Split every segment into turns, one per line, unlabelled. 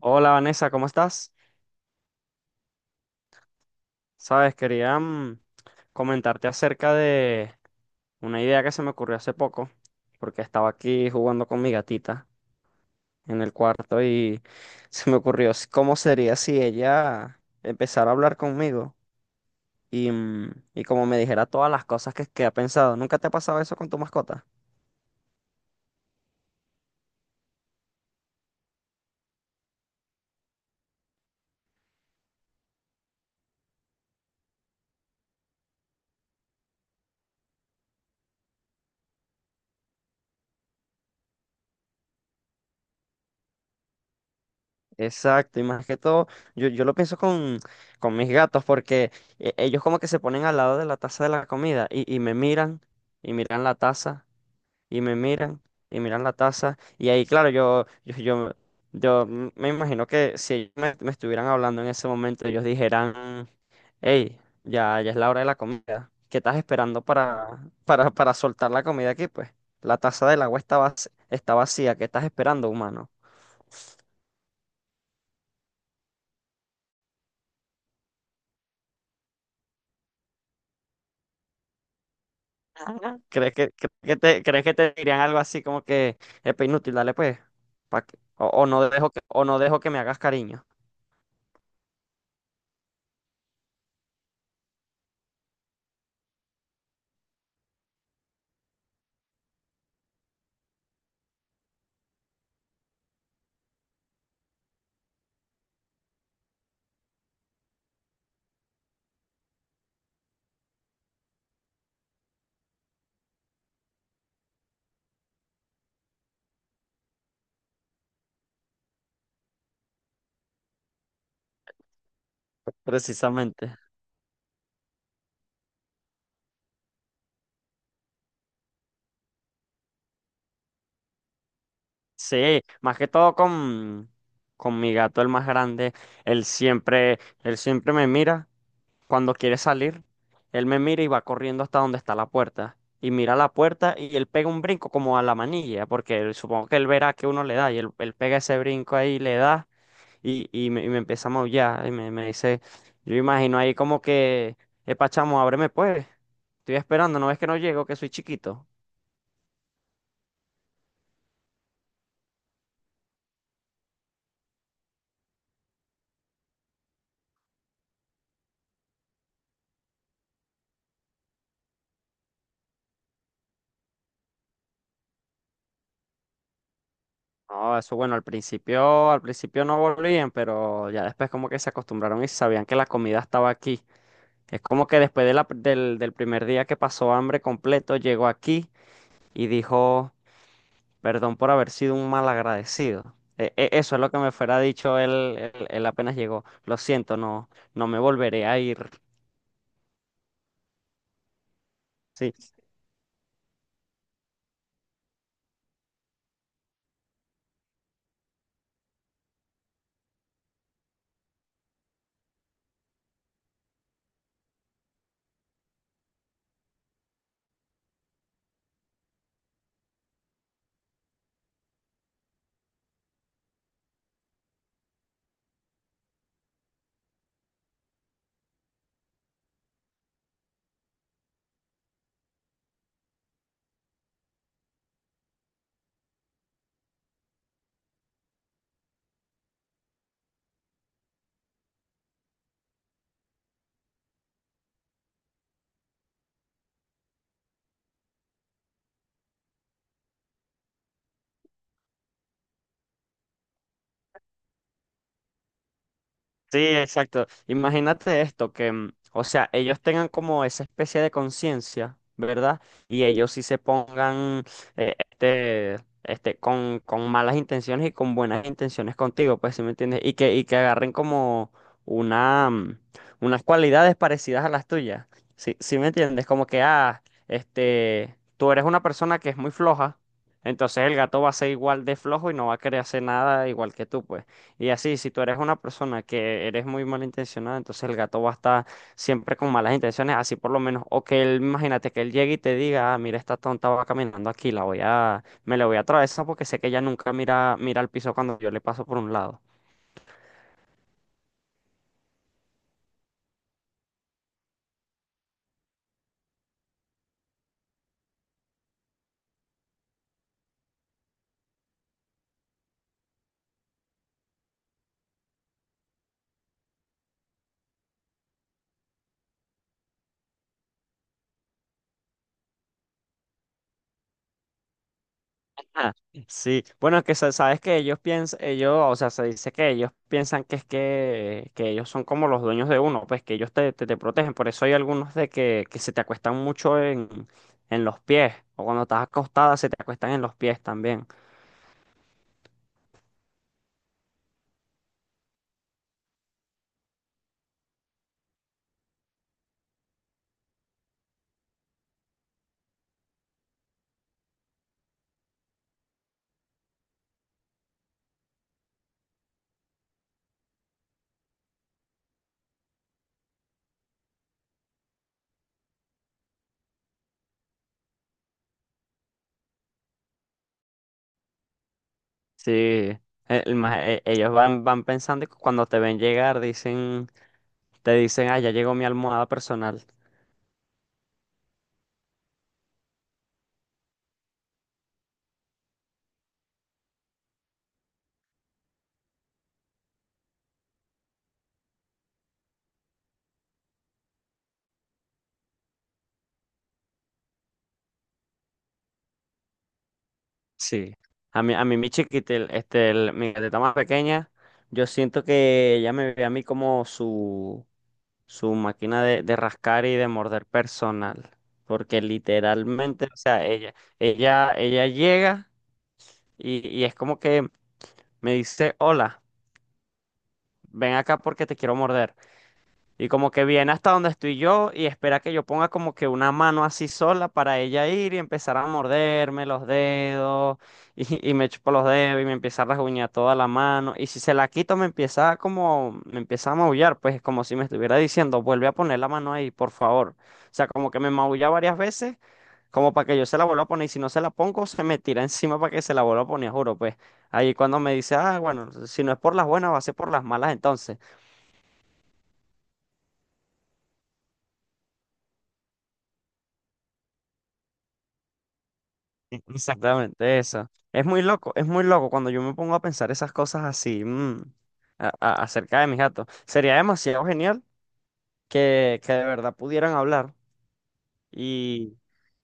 Hola, Vanessa, ¿cómo estás? Sabes, quería comentarte acerca de una idea que se me ocurrió hace poco, porque estaba aquí jugando con mi gatita en el cuarto y se me ocurrió cómo sería si ella empezara a hablar conmigo y como me dijera todas las cosas que ha pensado. ¿Nunca te ha pasado eso con tu mascota? Exacto, y más que todo, yo lo pienso con mis gatos porque ellos como que se ponen al lado de la taza de la comida y me miran y miran la taza. Y me miran y miran la taza y ahí claro yo me imagino que si me, me estuvieran hablando en ese momento ellos dijeran: hey, ya es la hora de la comida, ¿qué estás esperando para soltar la comida aquí pues? La taza del agua está está vacía, ¿qué estás esperando, humano? Ah. ¿Crees que crees que te dirían algo así como que es inútil, dale pues, o no dejo que o no dejo que me hagas cariño? Precisamente. Sí, más que todo con mi gato, el más grande, él siempre me mira cuando quiere salir, él me mira y va corriendo hasta donde está la puerta. Y mira la puerta y él pega un brinco como a la manilla, porque supongo que él verá que uno le da y él pega ese brinco ahí, le da y me empieza a maullar me dice, yo imagino ahí como que epa, chamo, ábreme pues, estoy esperando, ¿no ves que no llego, que soy chiquito? No, eso bueno, al principio no volvían, pero ya después como que se acostumbraron y sabían que la comida estaba aquí. Es como que después de del primer día que pasó hambre completo, llegó aquí y dijo: perdón por haber sido un mal agradecido. Eso es lo que me fuera dicho él, él apenas llegó. Lo siento, no, no me volveré a ir. Sí. Sí, exacto. Imagínate esto, o sea, ellos tengan como esa especie de conciencia, ¿verdad? Y ellos sí se pongan, eh, este, este, con malas intenciones y con buenas intenciones contigo, pues, ¿sí me entiendes? Y que agarren como una, mm, unas cualidades parecidas a las tuyas. Sí, ¿sí me entiendes? Como que, ah, este, tú eres una persona que es muy floja, entonces el gato va a ser igual de flojo y no va a querer hacer nada igual que tú, pues. Y así, si tú eres una persona que eres muy malintencionada, entonces el gato va a estar siempre con malas intenciones, así por lo menos, o que él, imagínate que él llegue y te diga: ah, mira, esta tonta va caminando aquí, me la voy a atravesar porque sé que ella nunca mira, mira al piso cuando yo le paso por un lado. Ah, sí, bueno, es que sabes que ellos piensan, ellos, o sea, se dice que ellos piensan que ellos son como los dueños de uno, pues que ellos te protegen, por eso hay algunos que se te acuestan mucho en los pies, o cuando estás acostada se te acuestan en los pies también. Sí, ellos van, van pensando y cuando te ven llegar dicen, te dicen: ah, ya llegó mi almohada personal. Sí, a mí mi chiquitel, este, mi gatita más pequeña, yo siento que ella me ve a mí como su máquina de rascar y de morder personal, porque literalmente, o sea, ella llega y es como que me dice: hola, ven acá porque te quiero morder. Y como que viene hasta donde estoy yo y espera que yo ponga como que una mano así sola para ella ir y empezar a morderme los dedos y me chupa los dedos y me empieza a rasguñar toda la mano. Y si se la quito me empieza a como, me empieza a maullar, pues como si me estuviera diciendo: vuelve a poner la mano ahí, por favor. O sea, como que me maulla varias veces como para que yo se la vuelva a poner y si no se la pongo se me tira encima para que se la vuelva a poner, juro, pues. Ahí cuando me dice: ah, bueno, si no es por las buenas va a ser por las malas entonces. Exactamente eso. Es muy loco cuando yo me pongo a pensar esas cosas así, acerca de mis gatos. Sería demasiado genial que de verdad pudieran hablar y,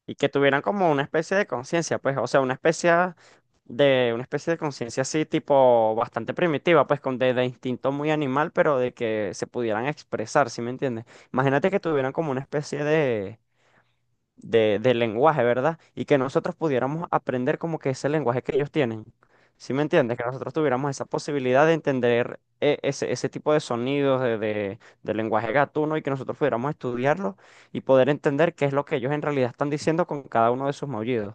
y que tuvieran como una especie de conciencia, pues, o sea, una especie de conciencia así, tipo bastante primitiva, pues, de instinto muy animal, pero de que se pudieran expresar, ¿sí me entiendes? Imagínate que tuvieran como una especie de lenguaje, ¿verdad? Y que nosotros pudiéramos aprender como que ese lenguaje que ellos tienen. ¿Sí me entiendes? Que nosotros tuviéramos esa posibilidad de entender ese, ese tipo de sonidos de lenguaje gatuno y que nosotros pudiéramos estudiarlo y poder entender qué es lo que ellos en realidad están diciendo con cada uno de sus maullidos.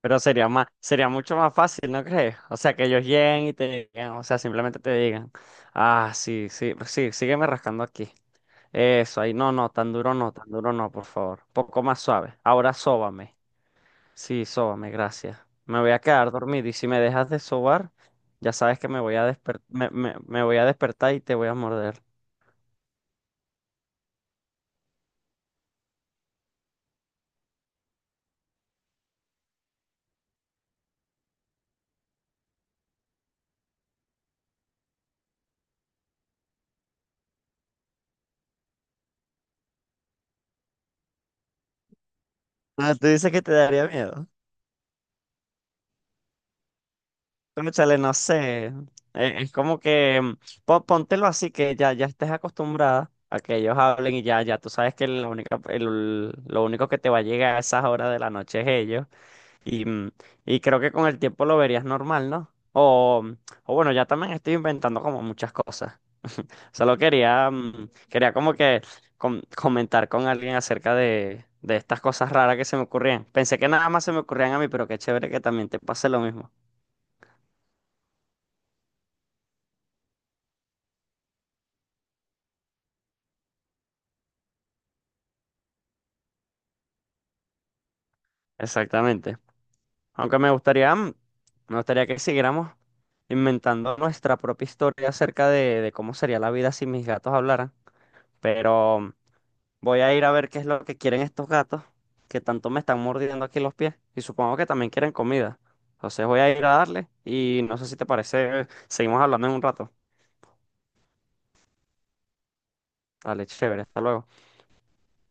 Pero sería más, sería mucho más fácil, ¿no crees? O sea, que ellos lleguen y te digan, o sea, simplemente te digan: ah, sí, sí, sí, sígueme rascando aquí. Eso, ahí. No, no, tan duro no, tan duro no, por favor. Poco más suave. Ahora sóbame. Sí, sóbame, gracias. Me voy a quedar dormido y si me dejas de sobar, ya sabes que me voy a me voy a despertar y te voy a morder. Ah, tú dices que te daría miedo. Cónchale, no sé. Es como que póntelo así que ya, ya estés acostumbrada a que ellos hablen y ya, ya tú sabes que la única, lo único que te va a llegar a esas horas de la noche es ellos. Y, mm, y creo que con el tiempo lo verías normal, ¿no? O bueno, ya también estoy inventando como muchas cosas. Solo quería, quería como que comentar con alguien acerca de estas cosas raras que se me ocurrían. Pensé que nada más se me ocurrían a mí, pero qué chévere que también te pase lo mismo. Exactamente. Aunque me gustaría, me gustaría que siguiéramos inventando nuestra propia historia acerca de cómo sería la vida si mis gatos hablaran. Pero voy a ir a ver qué es lo que quieren estos gatos, que tanto me están mordiendo aquí los pies, y supongo que también quieren comida. Entonces voy a ir a darle y no sé si te parece, seguimos hablando en un rato. Dale, chévere, hasta luego.